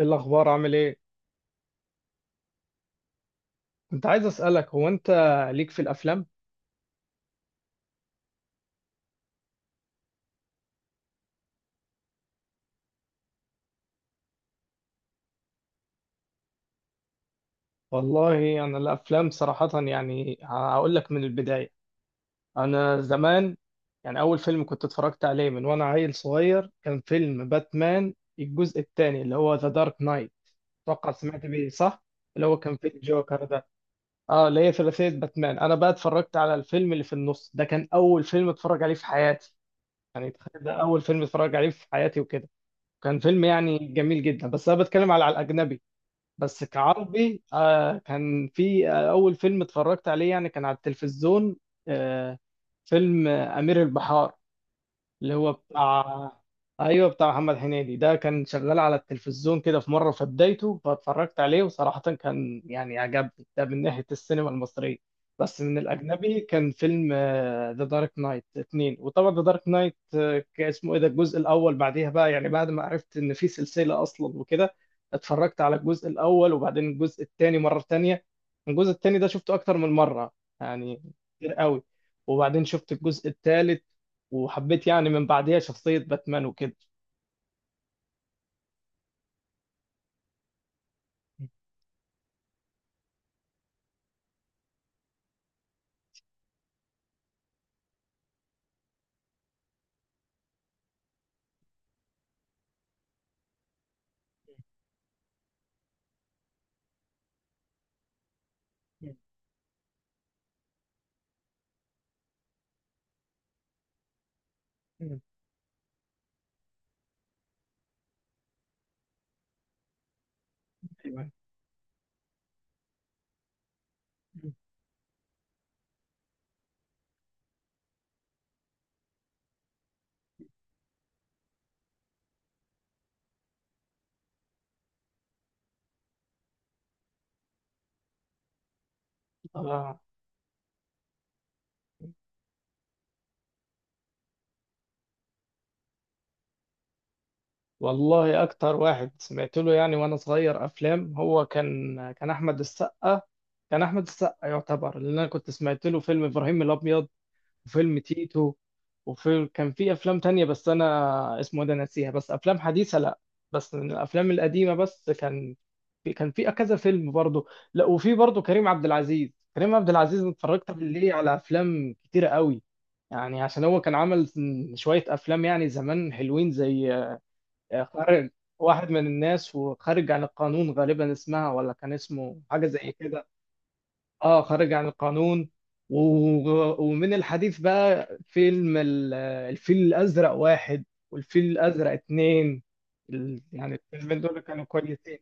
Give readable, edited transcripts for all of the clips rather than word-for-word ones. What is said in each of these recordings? ايه الاخبار؟ عامل ايه؟ كنت عايز اسالك، هو انت ليك في الافلام؟ والله انا الافلام صراحه يعني هقول لك من البدايه. انا زمان، يعني اول فيلم كنت اتفرجت عليه من وانا عيل صغير كان فيلم باتمان الجزء الثاني اللي هو ذا دارك نايت. اتوقع سمعت بيه، صح؟ اللي هو كان فيه الجوكر ده. اه اللي هي ثلاثيه باتمان. انا بقى اتفرجت على الفيلم اللي في النص ده، كان اول فيلم اتفرج عليه في حياتي. يعني تخيل، ده اول فيلم اتفرج عليه في حياتي وكده. كان فيلم يعني جميل جدا، بس انا بتكلم على الاجنبي. بس كعربي كان في أول فيلم اتفرجت عليه يعني كان على التلفزيون. آه فيلم أمير البحار. اللي هو بتاع ايوه، بتاع محمد هنيدي ده كان شغال على التلفزيون كده في مره في بدايته، فاتفرجت عليه وصراحه كان يعني عجبني ده من ناحيه السينما المصريه. بس من الاجنبي كان فيلم ذا دارك نايت اتنين. وطبعا ذا دارك نايت اسمه ايه ده الجزء الاول، بعديها بقى يعني بعد ما عرفت ان في سلسله اصلا وكده، اتفرجت على الجزء الاول وبعدين الجزء الثاني مره ثانيه. الجزء الثاني ده شفته اكتر من مره يعني كتير قوي. وبعدين شفت الجزء الثالث وحبيت يعني من بعديها شخصية باتمان وكده. ايوه. آه. والله أكتر واحد سمعت له يعني وأنا صغير أفلام هو كان أحمد السقا. كان أحمد السقا يعتبر، لأن أنا كنت سمعت له فيلم إبراهيم الأبيض وفيلم تيتو. كان في افلام تانية بس انا اسمه إيه ده ناسيها، بس افلام حديثة لا، بس من الافلام القديمة. بس كان في كذا فيلم برضو. لا، وفي برضو كريم عبد العزيز. كريم عبد العزيز اتفرجت ليه على افلام كتيرة قوي، يعني عشان هو كان عمل شوية افلام يعني زمان حلوين، زي آه، خارج واحد من الناس، وخارج عن القانون، غالبا اسمها ولا كان اسمه حاجة زي كده. اه، خارج عن القانون. ومن الحديث بقى، فيلم الفيل الأزرق واحد والفيل الأزرق اتنين. يعني الفيلمين دول كانوا كويسين،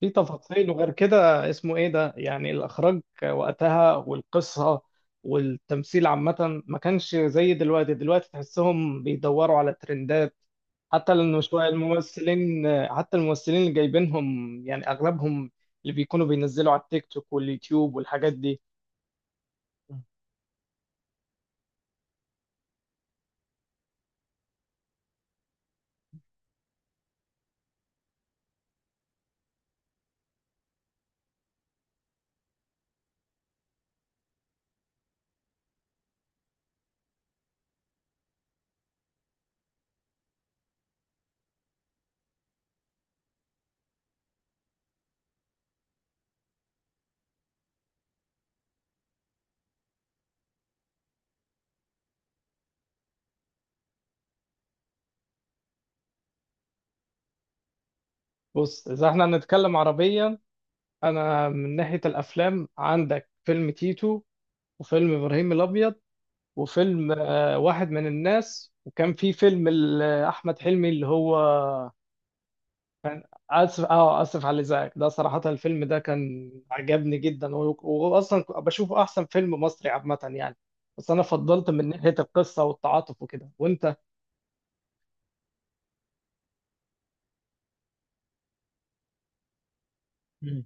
في تفاصيل، وغير كده اسمه ايه ده يعني الاخراج وقتها والقصه والتمثيل عامه ما كانش زي دلوقتي. دلوقتي تحسهم بيدوروا على ترندات، حتى الممثلين اللي جايبينهم يعني اغلبهم اللي بيكونوا بينزلوا على التيك توك واليوتيوب والحاجات دي. بص، اذا احنا هنتكلم عربيا، انا من ناحيه الافلام عندك فيلم تيتو وفيلم ابراهيم الابيض وفيلم واحد من الناس، وكان في فيلم احمد حلمي اللي هو كان اسف على الازعاج. ده صراحة الفيلم ده كان عجبني جدا، واصلا بشوفه احسن فيلم مصري عامة يعني. بس انا فضلت من ناحية القصة والتعاطف وكده، وانت. مم.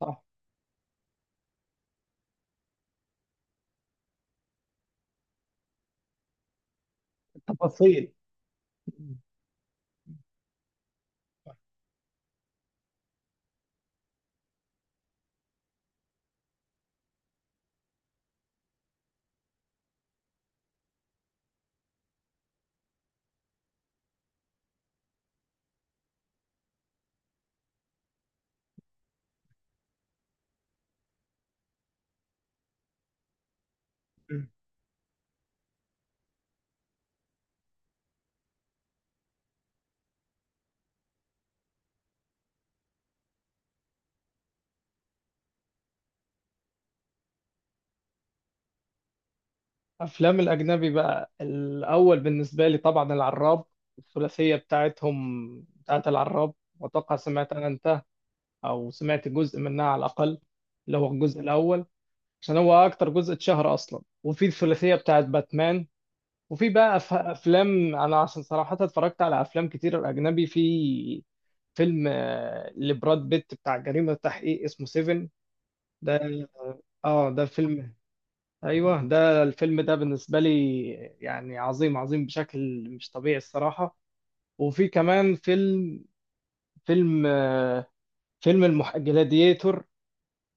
صح. التفاصيل. مم. افلام الاجنبي بقى، الاول بالنسبة لي طبعا العراب، الثلاثية بتاعتهم بتاعت العراب. واتوقع سمعت انا، انت او سمعت جزء منها على الاقل، اللي هو الجزء الاول، عشان هو اكتر جزء اتشهر اصلا. وفي الثلاثيه بتاعت باتمان، وفي بقى افلام، انا عشان صراحه اتفرجت على افلام كتير اجنبي. في فيلم لبراد بيت بتاع جريمه تحقيق اسمه سيفن ده. اه، ده فيلم. ايوه، ده الفيلم ده بالنسبه لي يعني عظيم، عظيم بشكل مش طبيعي الصراحه. وفي كمان فيلم فيلم المح...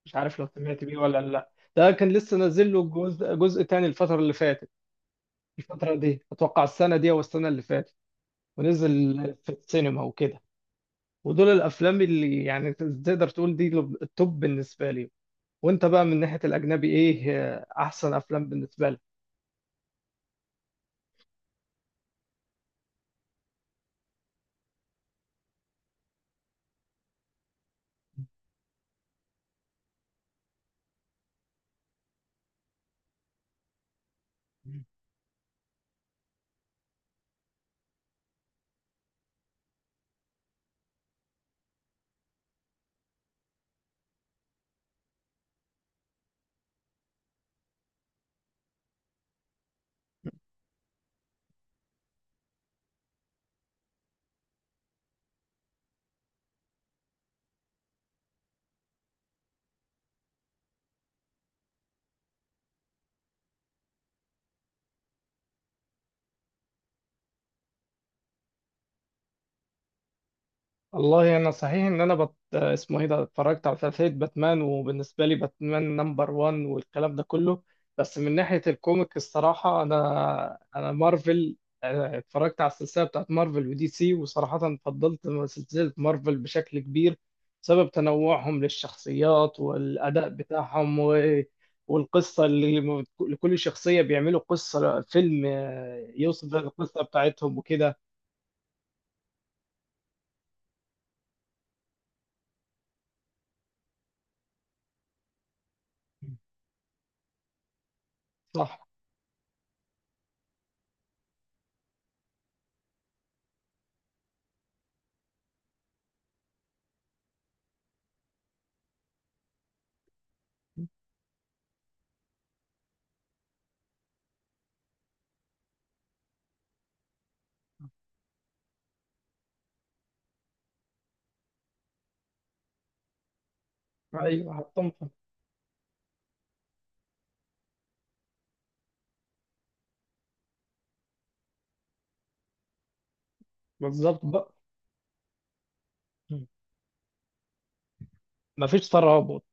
مش عارف لو سمعت بيه ولا لا. ده كان لسه نازل له جزء، جزء تاني الفترة اللي فاتت. الفترة دي أتوقع السنة دي أو السنة اللي فاتت، ونزل في السينما وكده. ودول الأفلام اللي يعني تقدر تقول دي التوب بالنسبة لي. وأنت بقى من ناحية الأجنبي، إيه أحسن أفلام بالنسبة لك؟ والله انا صحيح ان انا اسمه ايه ده، اتفرجت على ثلاثيه باتمان. وبالنسبه لي باتمان نمبر 1 والكلام ده كله. بس من ناحيه الكوميك الصراحه انا مارفل. اتفرجت على السلسله بتاعت مارفل ودي سي، وصراحه فضلت سلسله مارفل بشكل كبير، بسبب تنوعهم للشخصيات والاداء بتاعهم، و... والقصه اللي لكل شخصيه بيعملوا قصه فيلم يوصف بيها القصه بتاعتهم وكده. صح. ايوه، حطهم. بالظبط بقى، مفيش ترابط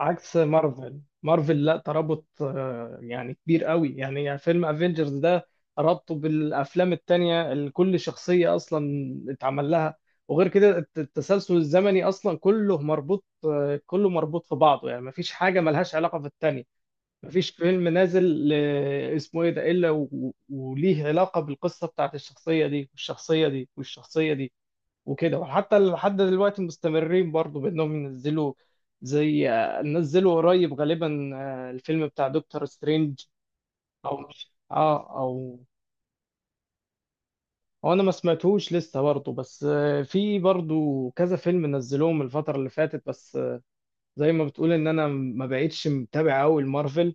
عكس مارفل. مارفل لا، ترابط يعني كبير قوي. يعني فيلم افنجرز ده ربطه بالافلام التانية اللي كل شخصية اصلا اتعمل لها، وغير كده التسلسل الزمني اصلا كله مربوط في بعضه، يعني مفيش حاجة ملهاش علاقة في التانية. مفيش فيلم نازل اسمه ايه ده الا وليه علاقة بالقصة بتاعت الشخصية دي والشخصية دي والشخصية دي وكده. وحتى لحد دلوقتي مستمرين برضو بانهم ينزلوا، زي نزلوا قريب غالبا الفيلم بتاع دكتور سترينج، او مش، اه او هو، انا ما سمعتهوش لسه برضو. بس في برضو كذا فيلم نزلوهم الفترة اللي فاتت. بس زي ما بتقول ان انا ما بقتش متابع قوي المارفل،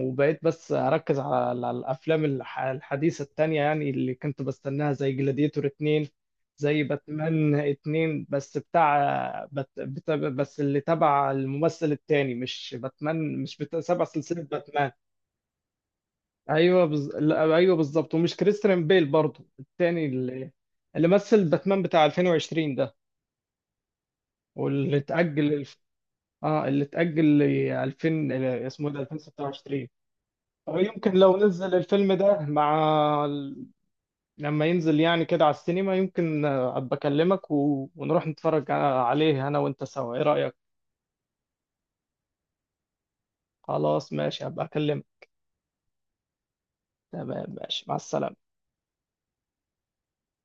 وبقيت بس اركز على الافلام الحديثه التانية، يعني اللي كنت بستناها زي جلاديتور 2، زي باتمان 2 بس بتاع بت... بت... بس اللي تبع الممثل التاني، مش باتمان، مش بتاع سبع سلسله باتمان. ايوه، لا، ايوه بالظبط، ومش كريستيان بيل برضه، التاني اللي مثل باتمان بتاع 2020 ده، واللي اتأجل اه اللي اتأجل ل 2000، اسمه إيه ده 2026. يمكن لو نزل الفيلم ده مع ال- لما ينزل يعني كده على السينما، يمكن ابقى اكلمك و... ونروح نتفرج عليه انا وانت سوا، ايه رأيك؟ خلاص ماشي، هبقى اكلمك. تمام، ماشي، مع السلامة.